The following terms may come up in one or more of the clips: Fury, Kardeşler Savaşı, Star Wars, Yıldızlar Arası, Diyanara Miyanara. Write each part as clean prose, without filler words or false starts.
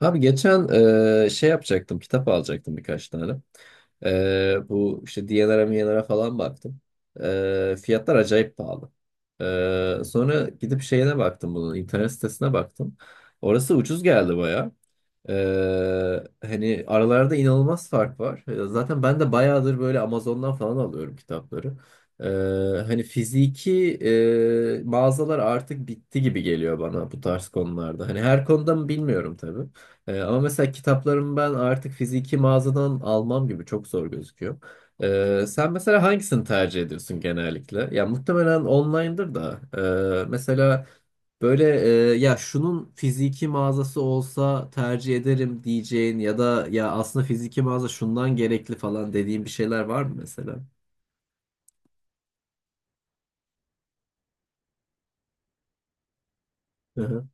Abi geçen şey yapacaktım, kitap alacaktım birkaç tane. Bu işte Diyanara Miyanara falan baktım. Fiyatlar acayip pahalı. Sonra gidip şeyine baktım bunun, internet sitesine baktım. Orası ucuz geldi baya. E, Hani aralarda inanılmaz fark var. Zaten ben de bayağıdır böyle Amazon'dan falan alıyorum kitapları. Hani fiziki mağazalar artık bitti gibi geliyor bana bu tarz konularda. Hani her konuda mı bilmiyorum tabii. Ama mesela kitaplarımı ben artık fiziki mağazadan almam gibi çok zor gözüküyor. Sen mesela hangisini tercih ediyorsun genellikle? Ya muhtemelen online'dır da. Mesela böyle ya şunun fiziki mağazası olsa tercih ederim diyeceğin ya da ya aslında fiziki mağaza şundan gerekli falan dediğin bir şeyler var mı mesela? Hı hı.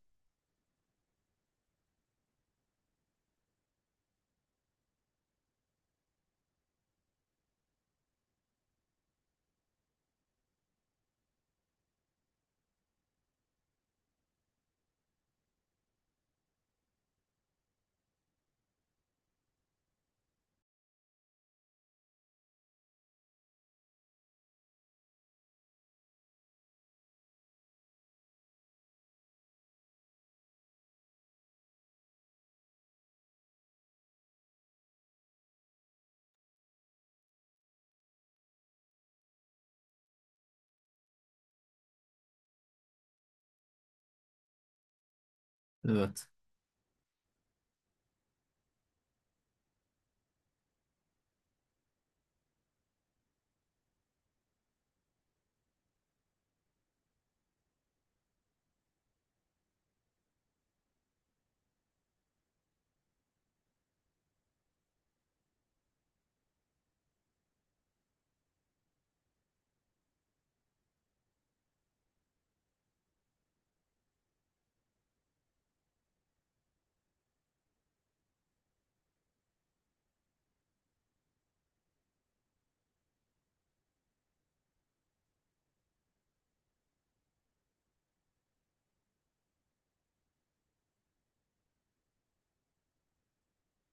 Evet.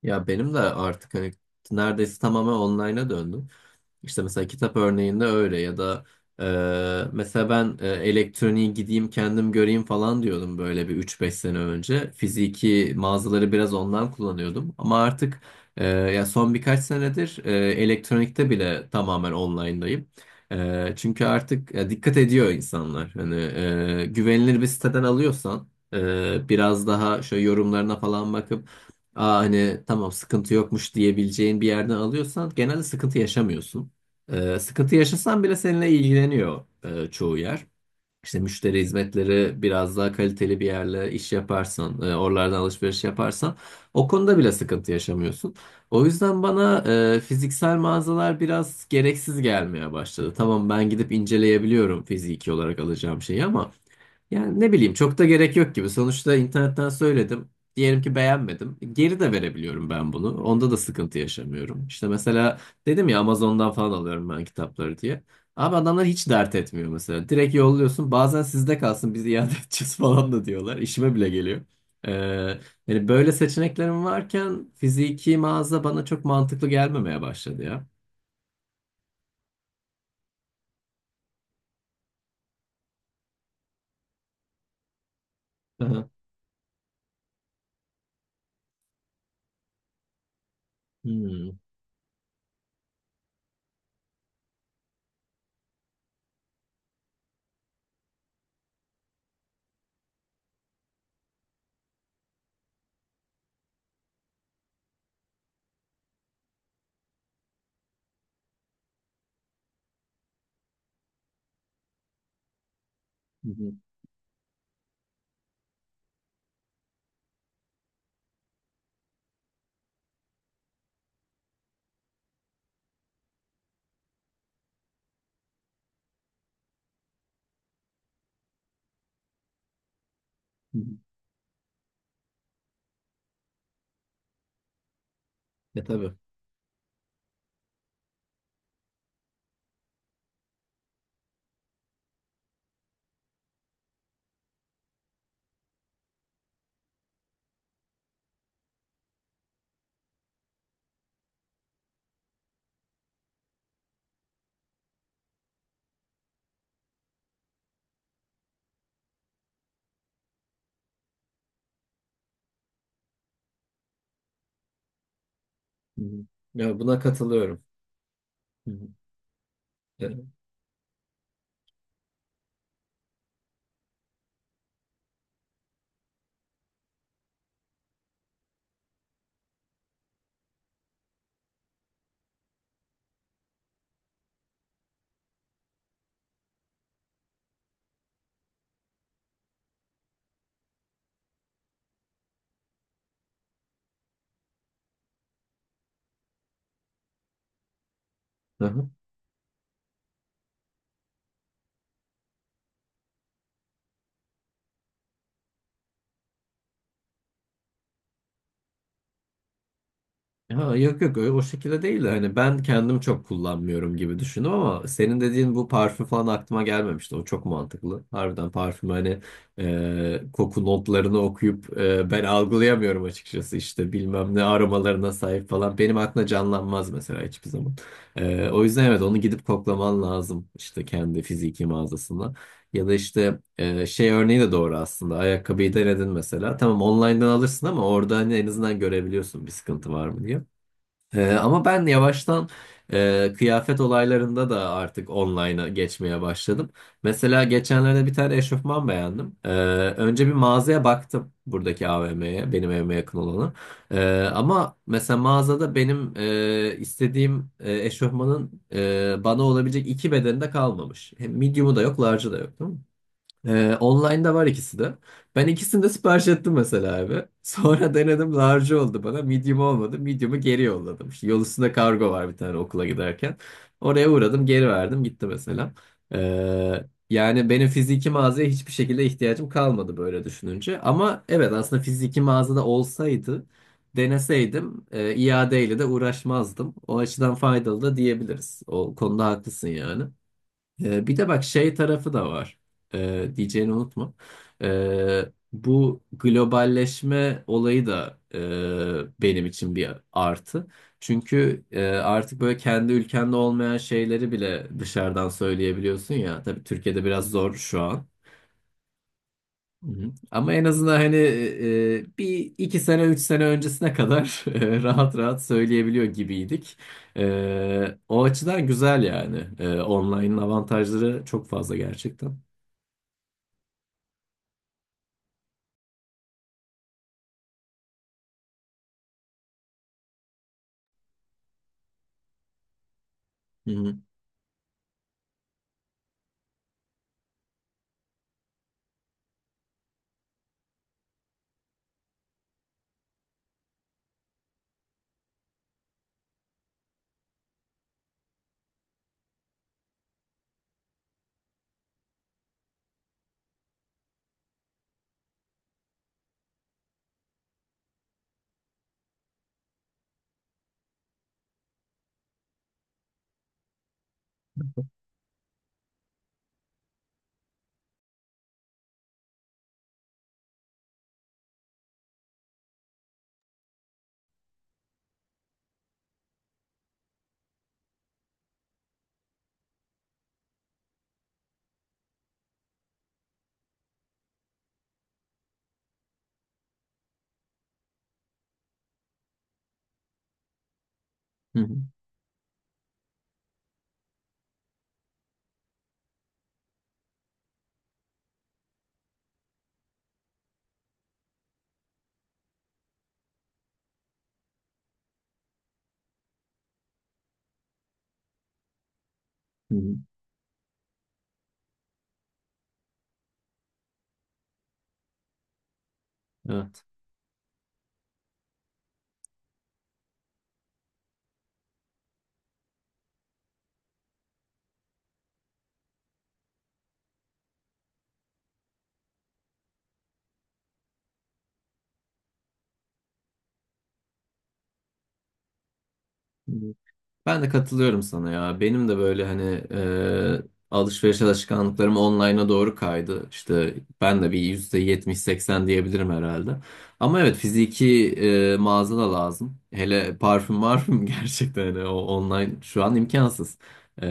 Ya benim de artık hani neredeyse tamamen online'a döndüm. İşte mesela kitap örneğinde öyle ya da mesela ben elektroniği gideyim kendim göreyim falan diyordum böyle bir üç beş sene önce. Fiziki mağazaları biraz ondan kullanıyordum ama artık ya son birkaç senedir elektronikte bile tamamen online'dayım. Çünkü artık dikkat ediyor insanlar. Hani güvenilir bir siteden alıyorsan biraz daha şöyle yorumlarına falan bakıp Aa, hani tamam sıkıntı yokmuş diyebileceğin bir yerden alıyorsan genelde sıkıntı yaşamıyorsun. Sıkıntı yaşasan bile seninle ilgileniyor çoğu yer. İşte müşteri hizmetleri biraz daha kaliteli bir yerle iş yaparsan, oralardan alışveriş yaparsan o konuda bile sıkıntı yaşamıyorsun. O yüzden bana fiziksel mağazalar biraz gereksiz gelmeye başladı. Tamam ben gidip inceleyebiliyorum fiziki olarak alacağım şeyi ama yani ne bileyim çok da gerek yok gibi. Sonuçta internetten söyledim. Diyelim ki beğenmedim. Geri de verebiliyorum ben bunu. Onda da sıkıntı yaşamıyorum. İşte mesela dedim ya Amazon'dan falan alıyorum ben kitapları diye. Abi adamlar hiç dert etmiyor mesela. Direkt yolluyorsun. Bazen sizde kalsın biz iade edeceğiz falan da diyorlar. İşime bile geliyor. Ee, Yani böyle seçeneklerim varken fiziki mağaza bana çok mantıklı gelmemeye başladı ya. Aha. Hmm. Hı hı. Hı hı. E tabii. Hı hı. Ya buna katılıyorum. Hı hı. E, aha. Ha, yok yok öyle o şekilde değil de hani ben kendim çok kullanmıyorum gibi düşündüm ama senin dediğin bu parfüm falan aklıma gelmemişti. O çok mantıklı. Harbiden parfüm hani koku notlarını okuyup ben algılayamıyorum açıkçası işte bilmem ne aromalarına sahip falan. Benim aklımda canlanmaz mesela hiçbir zaman. O yüzden evet onu gidip koklaman lazım işte kendi fiziki mağazasında. Ya da işte şey örneği de doğru aslında. Ayakkabıyı denedin mesela. Tamam online'dan alırsın ama orada hani en azından görebiliyorsun bir sıkıntı var mı diye. Ama ben yavaştan kıyafet olaylarında da artık online'a geçmeye başladım. Mesela geçenlerde bir tane eşofman beğendim. Önce bir mağazaya baktım buradaki AVM'ye, benim evime yakın olanı. Ama mesela mağazada benim istediğim eşofmanın bana olabilecek iki bedeni de kalmamış. Hem medium'u da yok, large'ı da yok, online'da var ikisi de. Ben ikisini de sipariş ettim mesela abi. Sonra denedim large oldu bana. Medium olmadı. Medium'u geri yolladım. İşte yol üstünde kargo var bir tane okula giderken. Oraya uğradım geri verdim gitti mesela. Yani benim fiziki mağazaya hiçbir şekilde ihtiyacım kalmadı böyle düşününce. Ama evet aslında fiziki mağazada olsaydı deneseydim iadeyle de uğraşmazdım. O açıdan faydalı da diyebiliriz. O konuda haklısın yani. Bir de bak şey tarafı da var. Diyeceğini unutma. Ee, Bu globalleşme olayı da benim için bir artı. Çünkü artık böyle kendi ülkende olmayan şeyleri bile dışarıdan söyleyebiliyorsun ya. Tabii Türkiye'de biraz zor şu an. Hı hı. Ama en azından hani bir iki sene üç sene öncesine kadar rahat rahat söyleyebiliyor gibiydik. O açıdan güzel yani. Online'ın avantajları çok fazla gerçekten. Hı hı. Hı hı. Hı hı. Evet. Ben de katılıyorum sana ya. Benim de böyle hani alışveriş alışkanlıklarım online'a doğru kaydı. İşte ben de bir 70 seksen diyebilirim herhalde. Ama evet fiziki mağaza da lazım. Hele parfüm parfüm gerçekten hani o online şu an imkansız. E,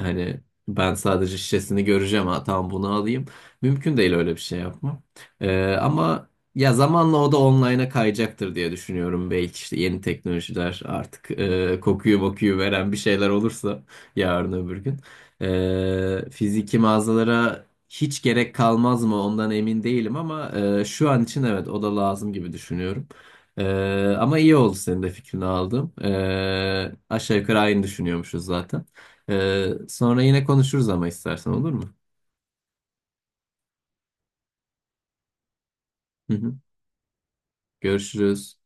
Hani ben sadece şişesini göreceğim ha tamam bunu alayım. Mümkün değil öyle bir şey yapmam. Ama ya zamanla o da online'a kayacaktır diye düşünüyorum. Belki işte yeni teknolojiler artık kokuyu mokuyu veren bir şeyler olursa yarın öbür gün. Fiziki mağazalara hiç gerek kalmaz mı ondan emin değilim ama şu an için evet o da lazım gibi düşünüyorum. E, Ama iyi oldu senin de fikrini aldım. Aşağı yukarı aynı düşünüyormuşuz zaten. Sonra yine konuşuruz ama istersen olur mu? Hı hı. Görüşürüz.